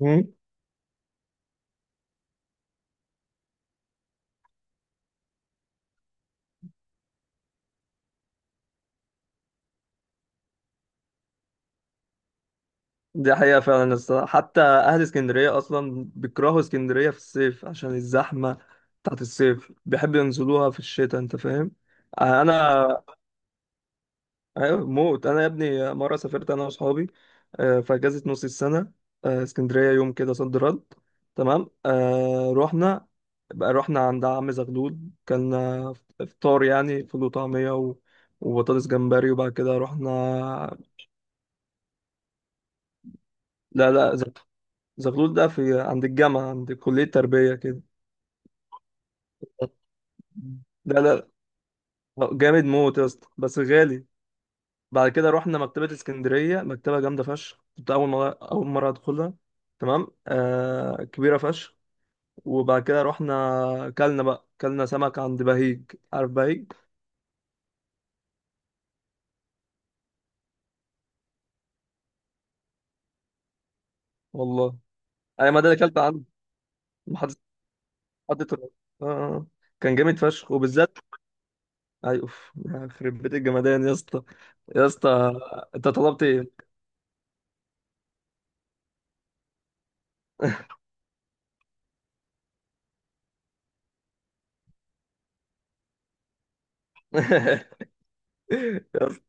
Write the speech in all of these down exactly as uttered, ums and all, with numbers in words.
مم. دي حقيقة فعلا الصراحة، حتى أهل اسكندرية أصلا بيكرهوا اسكندرية في الصيف عشان الزحمة بتاعت الصيف، بيحبوا ينزلوها في الشتاء، أنت فاهم. أنا أيوة موت. أنا يا ابني مرة سافرت أنا وأصحابي آه، في أجازة نص السنة، آه، اسكندرية يوم كده صد رد. تمام، آه، رحنا بقى، رحنا عند عم زغلول. كان إفطار يعني، فول وطعمية و- وبطاطس جمبري، وبعد كده رحنا. لا لا، زغلول ده في عند الجامعة، عند كلية تربية كده. لا لا، جامد موت يا اسطى، بس غالي. بعد كده رحنا مكتبة اسكندرية، مكتبة جامدة فشخ. كنت أول مرة أول مرة أدخلها. تمام، آه، كبيرة فشخ. وبعد كده رحنا كلنا بقى، كلنا سمك عند بهيج. عارف بهيج؟ والله أي، ما ده اللي كلت عنده. محدش، حد طلع. آه آه. آه. كان جامد فشخ، وبالذات أي، أوف، يخرب بيت الجمدان يا اسطى. يا اسطى، أنت طلبت إيه؟ يا،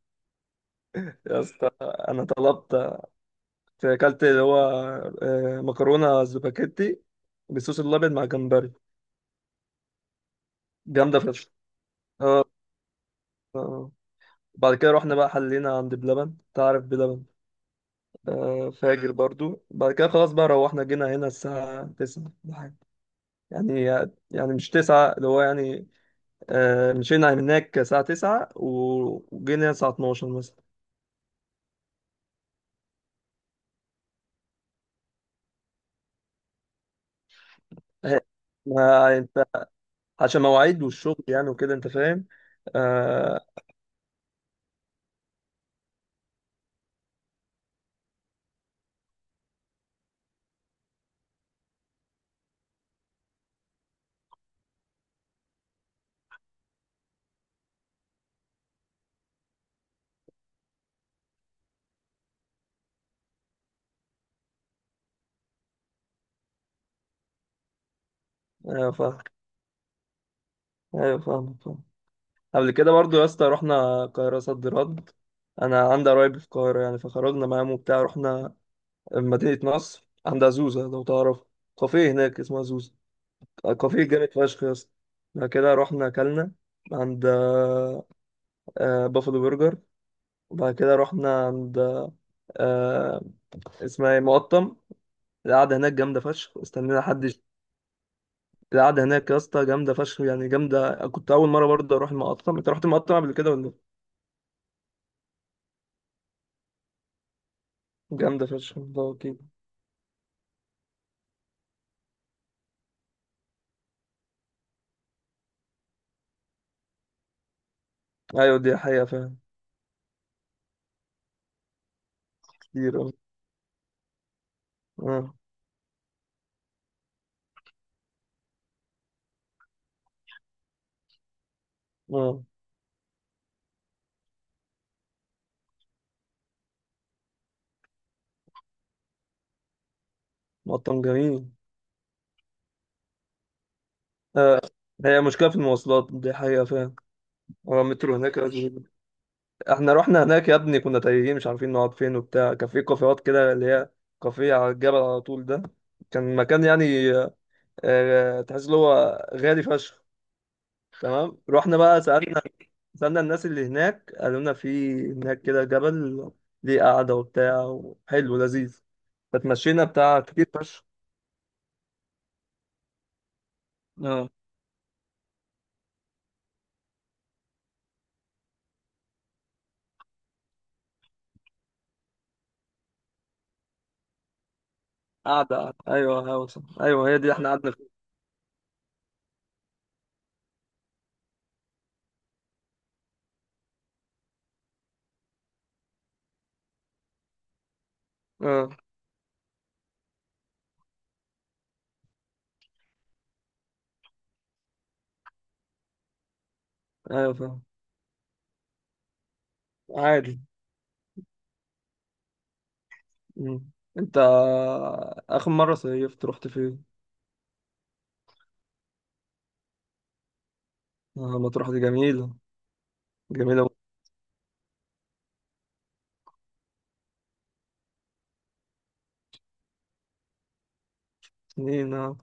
يا اسطى، انا طلبت، اكلت اللي هو، آه، مكرونه سباكيتي بالصوص الابيض مع جمبري. جامده فشخ. اه. آه. بعد كده رحنا بقى، حلينا عند بلبن. تعرف بلبن؟ آه، فاجر برضو. بعد كده خلاص بقى روحنا، جينا هنا الساعة تسعة ولا حاجة. يعني يعني مش تسعة، اللي هو يعني، آه، مشينا هناك الساعة تسعة وجينا هنا الساعة اتناشر مثلا. آه، ما انت عشان مواعيد والشغل، يعني وكده، انت فاهم. آه. آه. ايوه، فاهم فاهم. قبل كده برضو يا اسطى رحنا القاهرة صد رد. انا عندي قرايب في القاهرة يعني، فخرجنا معاهم وبتاع، رحنا مدينة نصر عند زوزة، لو تعرف. كافيه هناك اسمها زوزة، كافيه جامد فشخ يا اسطى. بعد كده رحنا اكلنا عند، آه، بافلو برجر. وبعد كده رحنا عند، آه، اسمها ايه، مقطم. القعدة هناك جامدة فشخ. استنينا حد يش- القعدة هناك يا اسطى جامدة فشخ، يعني جامدة. كنت أول مرة برضه أروح المقطم. أنت رحت المقطم قبل كده ولا لأ؟ جامدة فشخ والله. ايوه دي حقيقة فعلا. كتير أوي. اه. اه، مطعم جميل. آه. هي مشكلة في المواصلات، دي حقيقة فعلا. هو المترو هناك أزمة جدا. احنا رحنا هناك يا ابني كنا تايهين، مش عارفين نقعد فين وبتاع. كان في كافيهات كده، اللي هي كافيه على الجبل على طول ده. كان مكان يعني، آه، تحس اللي هو غالي فشخ. تمام، رحنا بقى سألنا، سألنا الناس اللي هناك قالوا لنا في هناك كده جبل ليه قعدة وبتاع وحلو لذيذ. فتمشينا بتاع كتير فشخ. اه. قاعدة قاعدة، أيوه أيوه، صح، أيوه هي دي إحنا قعدنا فيها. أه. أيوه فاهم. عادي. مم. أنت آخر مرة صيفت رحت فين؟ آه، مطروح دي جميلة. جميلة. من سنين أه.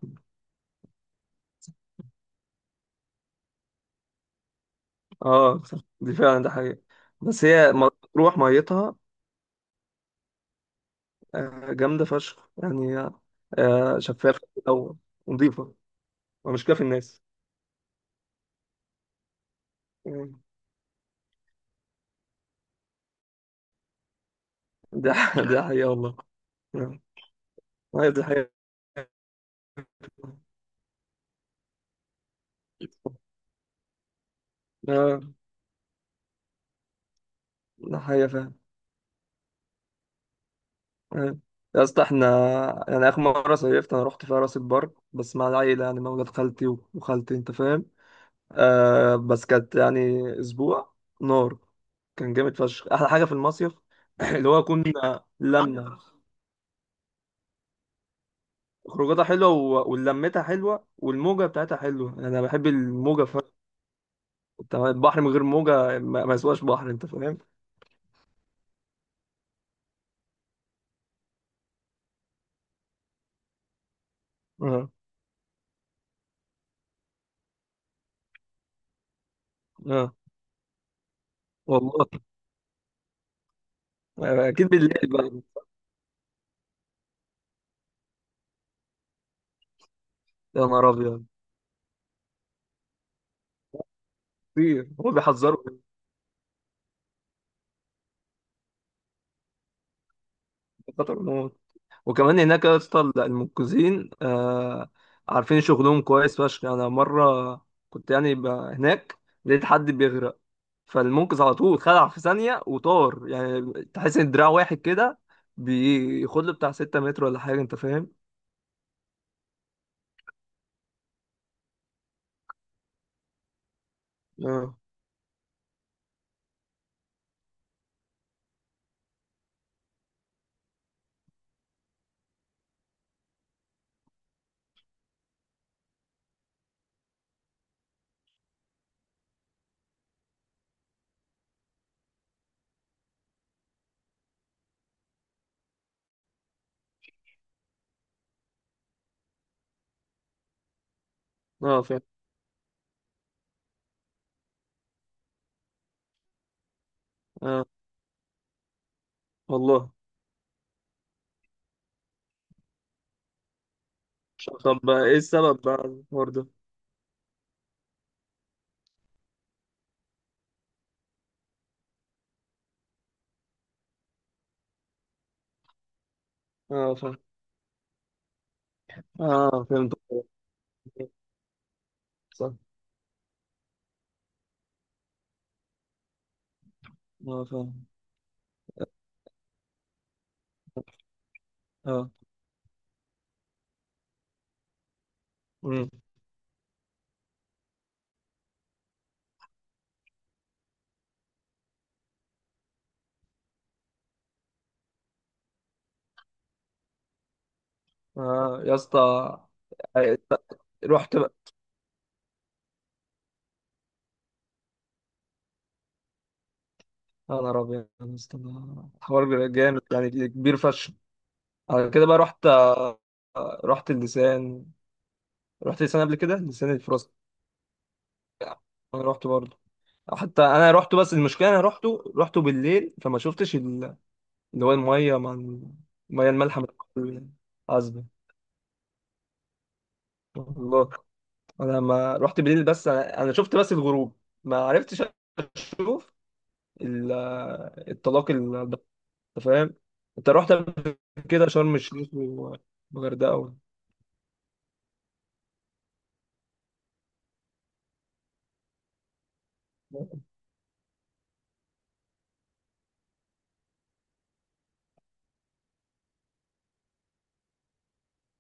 آه، صح، دي فعلا ده حقيقة. بس هي مطروح ميتها، آه، جامدة فشخ يعني. آه، شفافة في الأول، ونضيفة ومش كافي الناس. مم. دي ح- دي حقيقة والله. آه، أيوه دي حقيقة. آه، ده حقيقة فعلا. مم. يا اسطى، احنا يعني اخر مره صيفت انا رحت فيها راس البر، بس مع العيله يعني، مع ولاد خالتي و- وخالتي، انت فاهم. آه، بس كانت يعني اسبوع نار. كان جامد فشخ. احلى حاجه في المصيف اللي هو كنا لمه، خروجاتها حلوه و- ولمتها حلوه، والموجه بتاعتها حلوه، يعني انا بحب الموجه فشخ. أنت البحر من غير موجه ما ما يسواش بحر، انت فاهم. اه. اه. والله. اكيد بالليل بقى. يا نهار ابيض. كتير هو بيحذروا من خطر الموت. وكمان هناك يا اسطى المنقذين، آه، عارفين شغلهم كويس فشخ. انا مره كنت يعني ب- هناك لقيت حد بيغرق، فالمنقذ على طول خلع في ثانيه وطار. يعني تحس ان دراع واحد كده بياخد له بتاع ستة متر ولا حاجه، انت فاهم. اه. اه فاهم. اه. والله. مش- عارف. طب بقى ايه السبب بقى الحوار ده؟ اه فاهم. اه فهمت. صح. اه فاهم. اه. امم. آه يا اسطى. آه، رحت. يا نهار أبيض يا اسطى، ده حوار جامد يعني، كبير فشخ. على كده بقى، رحت، آه، رحت اللسان. رحت لسان قبل كده، لسان الفرنسي. أنا رحت برضه. حتى أنا رحت، بس المشكلة أنا رحته رحته بالليل، فما شفتش ال- اللي هو المية مع ال- المية المالحة من العذبة. والله أنا لما رحت بالليل بس، أنا أنا شفت بس الغروب، ما عرفتش أشوف ال- الطلاق، انت فاهم. انت رحت قبل كده شرم الشيخ و- والغردقه و-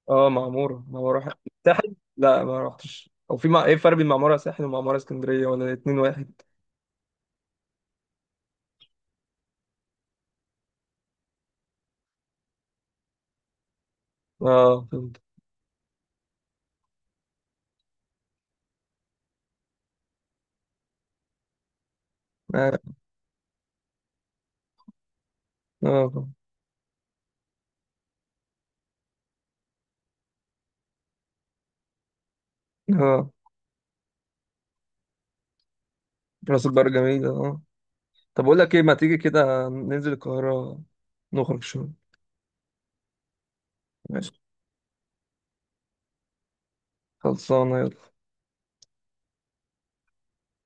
اه معموره، معموره ح- ساحل، لا ما رحتش، او في مع، ايه الفرق بين معموره ساحل ومعموره اسكندريه ولا الاتنين واحد؟ اه فهمت. اه. اه فهمت. اه. راس البر جميله اه. طب اقول لك ايه، ما تيجي كده ننزل القاهره نخرج شويه؟ ماشي، خلصانه، يلا.